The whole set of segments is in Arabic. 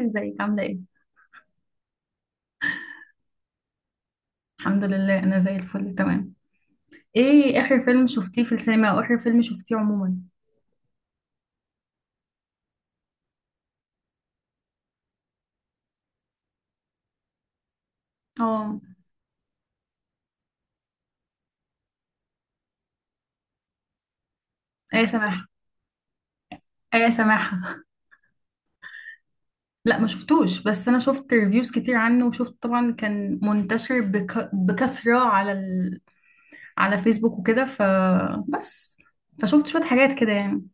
ازيك عاملة ايه؟ الحمد لله، انا زي الفل تمام. ايه اخر فيلم شفتيه في السينما او اخر فيلم شفتيه عموما؟ اه. ايه سماحة. ايه سماحة لا ما شفتوش، بس انا شفت ريفيوز كتير عنه، وشفت طبعا كان منتشر بكثرة على على فيسبوك وكده، فبس فشفت شوية حاجات كده يعني.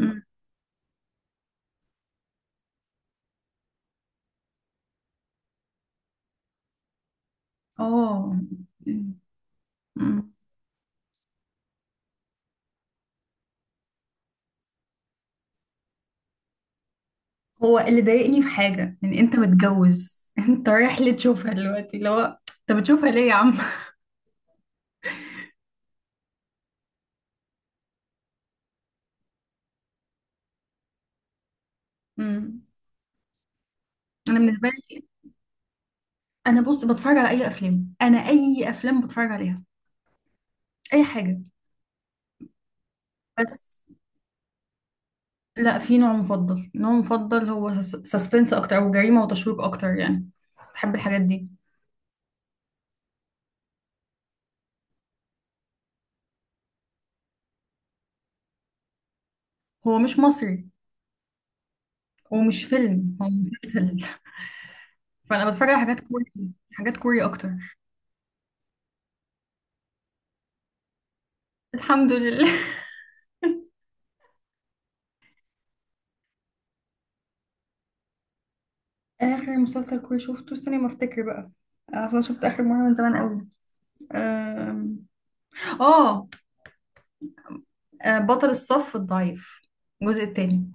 أمم. اه. أمم. أمم. هو اللي ضايقني في حاجة ان انت متجوز انت رايح ليه تشوفها دلوقتي؟ اللي هو انت بتشوفها ليه يا عم؟ أمم. انا بالنسبة لي، انا بص بتفرج على اي افلام، انا اي افلام بتفرج عليها، اي حاجه. بس لا، في نوع مفضل هو سسبنس اكتر او جريمه وتشويق اكتر يعني، بحب الحاجات دي. هو مش مصري، ومش فيلم، هو مسلسل. فانا بتفرج على حاجات كوري اكتر. الحمد لله. اخر مسلسل كوري شفته، استني ما افتكر بقى. اصلا شفت اخر مره من زمان قوي. أم... اه. بطل الصف الضعيف، الجزء التاني.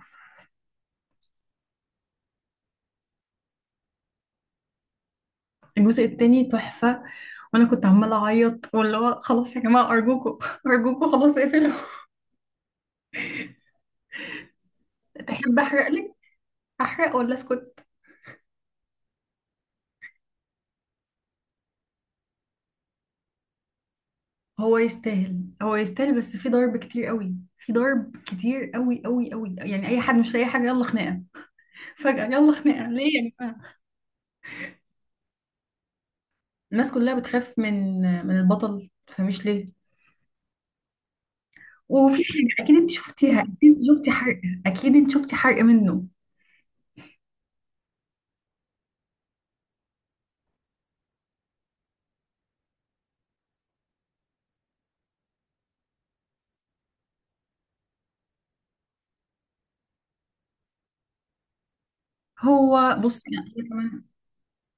الجزء التاني تحفة، وانا كنت عمالة اعيط واللي هو خلاص يا جماعة، ارجوكوا ارجوكوا، خلاص اقفلوا. تحب احرق لك؟ احرق ولا اسكت؟ هو يستاهل، بس في ضرب كتير قوي، في ضرب كتير قوي قوي قوي يعني، اي حد مش لاقي حاجة يلا خناقة. فجأة يلا خناقة، ليه يا جماعة؟ الناس كلها بتخاف من البطل، فمش ليه. وفي حاجة اكيد انت شفتيها، اكيد انت شفتي حرق، اكيد انت شفتي حرق منه. هو بصي، يعني أنا كمان،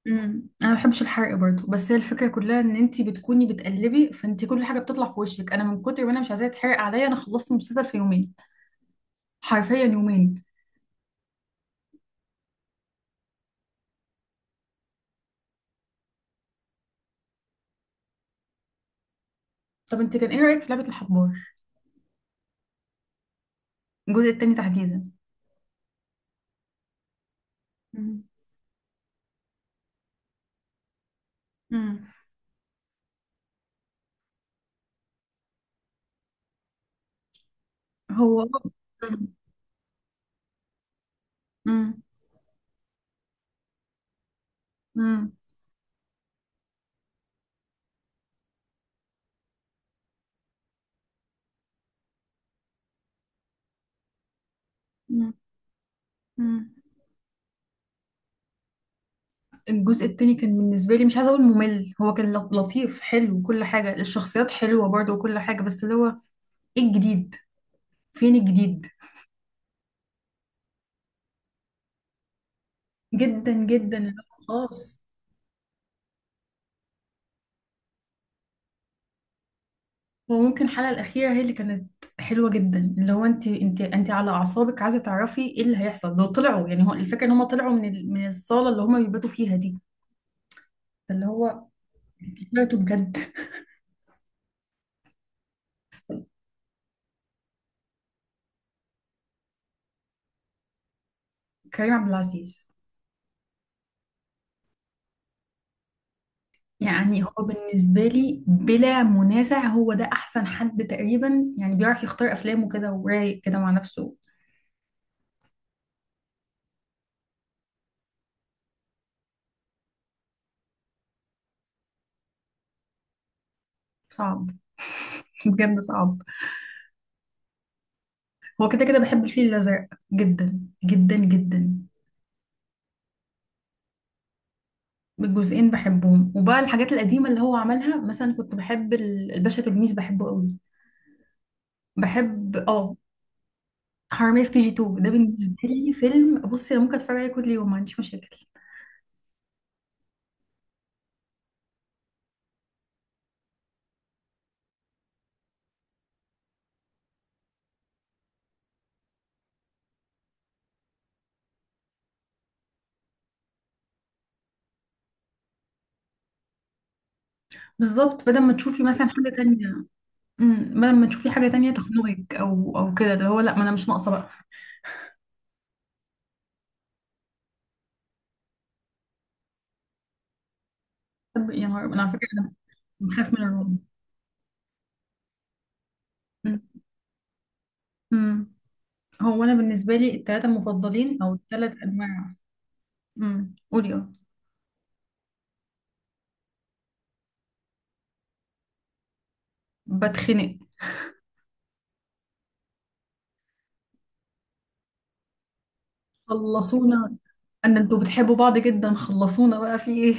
انا ما بحبش الحرق برضو، بس هي الفكره كلها ان انت بتكوني بتقلبي، فانت كل حاجه بتطلع في وشك. انا من كتر ما انا مش عايزاه يتحرق عليا، انا خلصت المسلسل في يومين، حرفيا يومين. طب انت كان ايه رايك في لعبه الحبار، الجزء التاني تحديدا؟ امم. امم. هو، امم. امم. امم. امم. الجزء التاني كان بالنسبه لي، مش عايزه اقول ممل، هو كان لطيف حلو وكل حاجه، الشخصيات حلوه برضو وكل حاجه، بس اللي هو ايه الجديد؟ فين الجديد؟ جدا جدا اللي هو خلاص. وممكن الحلقة الأخيرة هي اللي كانت حلوة جدا، اللي هو انت انت على أعصابك عايزة تعرفي ايه اللي هيحصل لو طلعوا، يعني هو الفكرة ان هم طلعوا من الصالة اللي هم بيباتوا فيها دي، اللي هو طلعته بجد. كريم عبد العزيز. يعني هو بالنسبة لي بلا منازع، هو ده أحسن حد تقريبا، يعني بيعرف يختار أفلامه كده، ورايق كده مع نفسه. صعب. بجد صعب. هو كده كده بحب الفيل الأزرق، جدا، جدا جدا. الجزئين بحبهم. وبقى الحاجات القديمة اللي هو عملها، مثلا كنت بحب الباشا تلميذ، بحبه قوي، بحب. اه حرامية في كي جي 2، ده بالنسبة لي فيلم بصي انا ممكن اتفرج عليه كل يوم، ما عنديش مشاكل. بالظبط، بدل ما تشوفي مثلا حاجة تانية. امم. بدل ما تشوفي حاجة تانية تخنقك او كده، اللي هو لا، ما انا مش ناقصة بقى. طب يا نهار، انا على فكرة انا بخاف من الرعب. أمم. أمم. هو انا بالنسبة لي التلاتة المفضلين، او التلات انواع. امم، قولي. اه. بتخنق. خلصونا، ان انتوا بتحبوا بعض جدا، خلصونا بقى، في ايه؟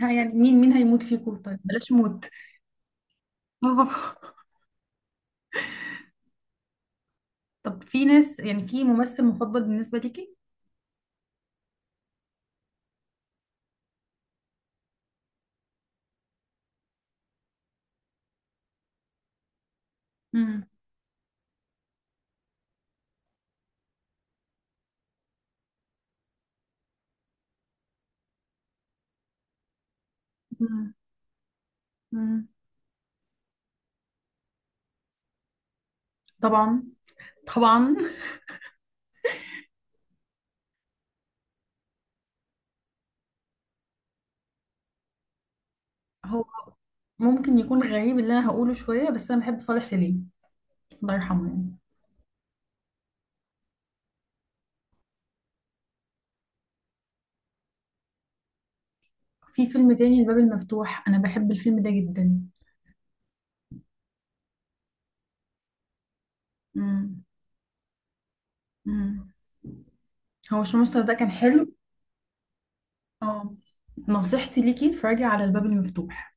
ها يعني مين هيموت فيكم؟ طيب بلاش موت. آه. طب في ناس، يعني في ممثل مفضل بالنسبة ليكي؟ مم. مم. مم. طبعا، طبعا. هو ممكن يكون غريب اللي انا هقوله شوية، بس انا بحب صالح سليم، الله يرحمه، يعني. في فيلم تاني، الباب المفتوح، انا بحب الفيلم ده جدا. مم. مم. هو شو مستر ده كان حلو. اه. نصيحتي ليكي اتفرجي على الباب المفتوح.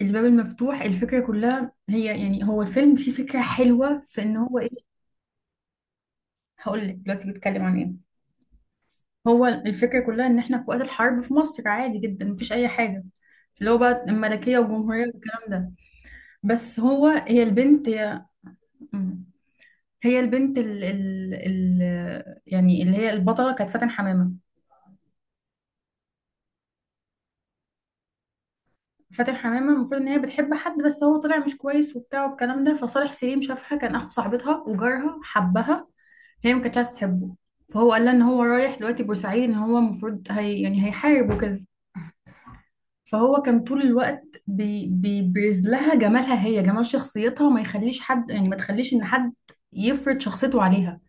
الباب المفتوح، الفكرة كلها هي، يعني هو الفيلم فيه فكرة حلوة في ان هو ايه. هقول لك دلوقتي بيتكلم عن ايه. هو الفكرة كلها ان احنا في وقت الحرب في مصر، عادي جدا، مفيش اي حاجة، اللي هو بقى الملكية والجمهورية والكلام ده. بس هو، هي البنت، هي، مم. هي البنت، ال ال ال يعني اللي هي البطلة، كانت فاتن حمامة. فاتن حمامة المفروض ان هي بتحب حد، بس هو طلع مش كويس وبتاع والكلام ده. فصالح سليم شافها، كان اخو صاحبتها وجارها، حبها. هي ما كانتش عايزة تحبه، فهو قال لها ان هو رايح دلوقتي بورسعيد، ان هو المفروض هي يعني هيحارب وكده. فهو كان طول الوقت بيبرز لها جمالها، هي جمال شخصيتها، وما يخليش حد يعني، ما تخليش ان حد يفرض شخصيته عليها،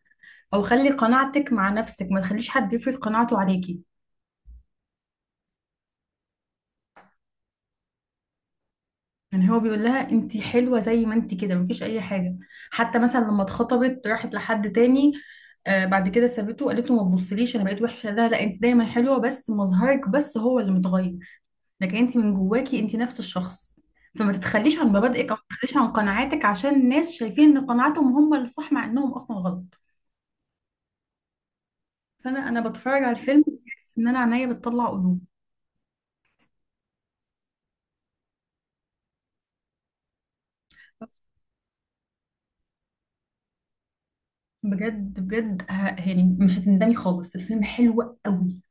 او خلي قناعتك مع نفسك، ما تخليش حد يفرض قناعته عليكي. يعني هو بيقول لها انت حلوة زي ما انت كده، مفيش اي حاجة. حتى مثلا لما اتخطبت، راحت لحد تاني، آه، بعد كده سابته وقالت له ما تبصليش انا بقيت وحشة، لا لا، انت دايما حلوة، بس مظهرك بس هو اللي متغير، لكن انت من جواكي انت نفس الشخص. فما تتخليش عن مبادئك، او ما تتخليش عن قناعاتك، عشان الناس شايفين ان قناعاتهم هم اللي صح، مع انهم اصلا غلط. فانا بتفرج على الفيلم، بحس ان انا عينيا بتطلع قلوب. بجد بجد، يعني مش هتندمي خالص، الفيلم حلو قوي.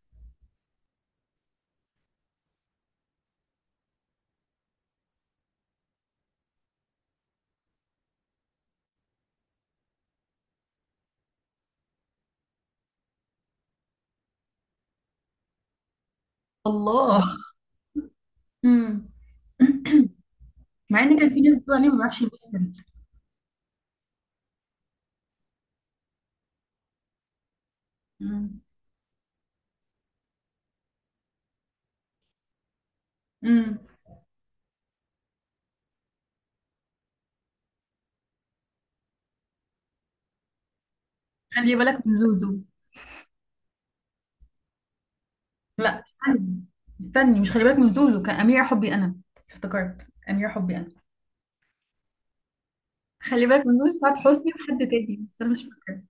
الله. امم. مع ان كان في ناس بتقول عليه ما بيعرفش يمثل. امم. امم. خلي بالك من زوزو. لا استني، استني، مش خلي بالك من زوزو، كان امير حبي انا. افتكرت، امير حبي انا. خلي بالك من زوجي، سعاد حسني وحد تاني، بس انا مش فاكره.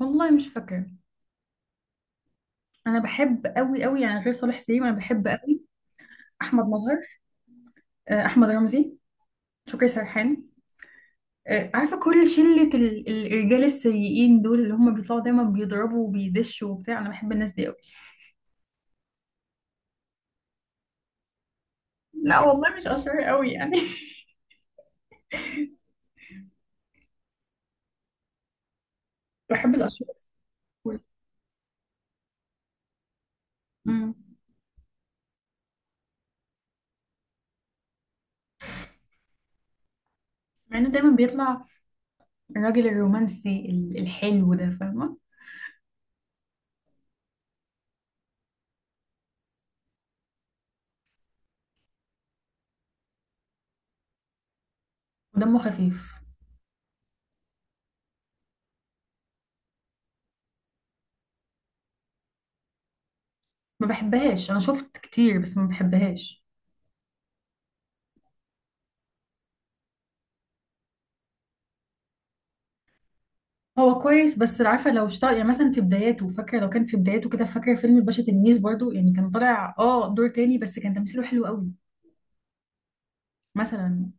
والله مش فاكره. انا بحب قوي قوي يعني، غير صالح سليم، انا بحب قوي احمد مظهر، احمد رمزي، شكري سرحان، عارفه كل شله الرجال السيئين دول، اللي هم بيطلعوا دايما بيضربوا وبيدشوا وبتاع، انا بحب الناس دي قوي. لا والله، مش اشهر قوي يعني. بحب الاشهر قوي. امم. لانه دايما بيطلع الراجل الرومانسي الحلو ده، فاهمه، ودمه خفيف. ما بحبهاش، انا شفت كتير بس ما بحبهاش. هو كويس، بس عارفه لو اشتغل يعني، مثلا في بداياته، فاكره لو كان في بداياته كده، فاكره فيلم الباشا تلميذ برضو يعني، كان طالع دور تاني، بس كان تمثيله حلو قوي مثلا.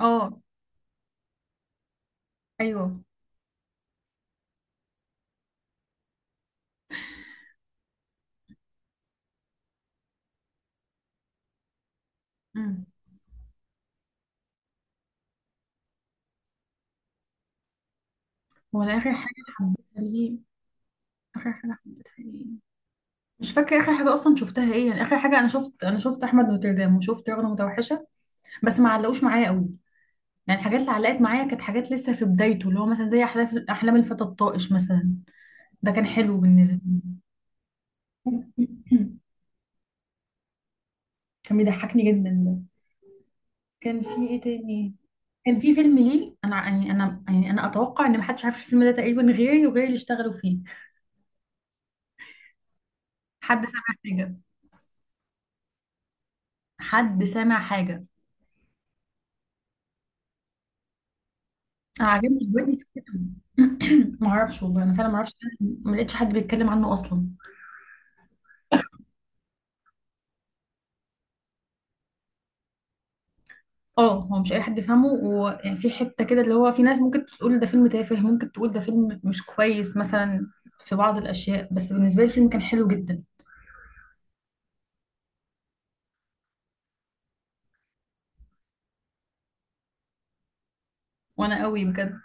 اه. ايوه. امم. هو أنا اخر حاجه حبيتها ليه، اخر حاجه حبيتها ليه، مش فاكره اخر حاجه اصلا شفتها ايه، يعني اخر حاجه انا شفت احمد نوتردام وشفت رغده متوحشه، بس ما علقوش معايا قوي. يعني الحاجات اللي علقت معايا كانت حاجات لسه في بدايته، اللي هو مثلا زي احلام الفتى الطائش مثلا، ده كان حلو بالنسبه لي. كان بيضحكني جدا. كان في ايه تاني؟ كان في فيلم ليه، انا يعني انا يعني انا اتوقع ان محدش عارف الفيلم ده تقريبا غيري وغير اللي اشتغلوا فيه. حد سامع حاجه؟ حد سامع حاجه؟ انا عاجبني دلوقتي فكرته. ما اعرفش والله، انا فعلا ما اعرفش، ما لقيتش حد بيتكلم عنه اصلا. اه هو مش اي حد يفهمه، ويعني في حته كده اللي هو في ناس ممكن تقول ده فيلم تافه، ممكن تقول ده فيلم مش كويس مثلا، في بعض الاشياء، بس بالنسبه لي الفيلم كان حلو جدا. وانا قوي بجد.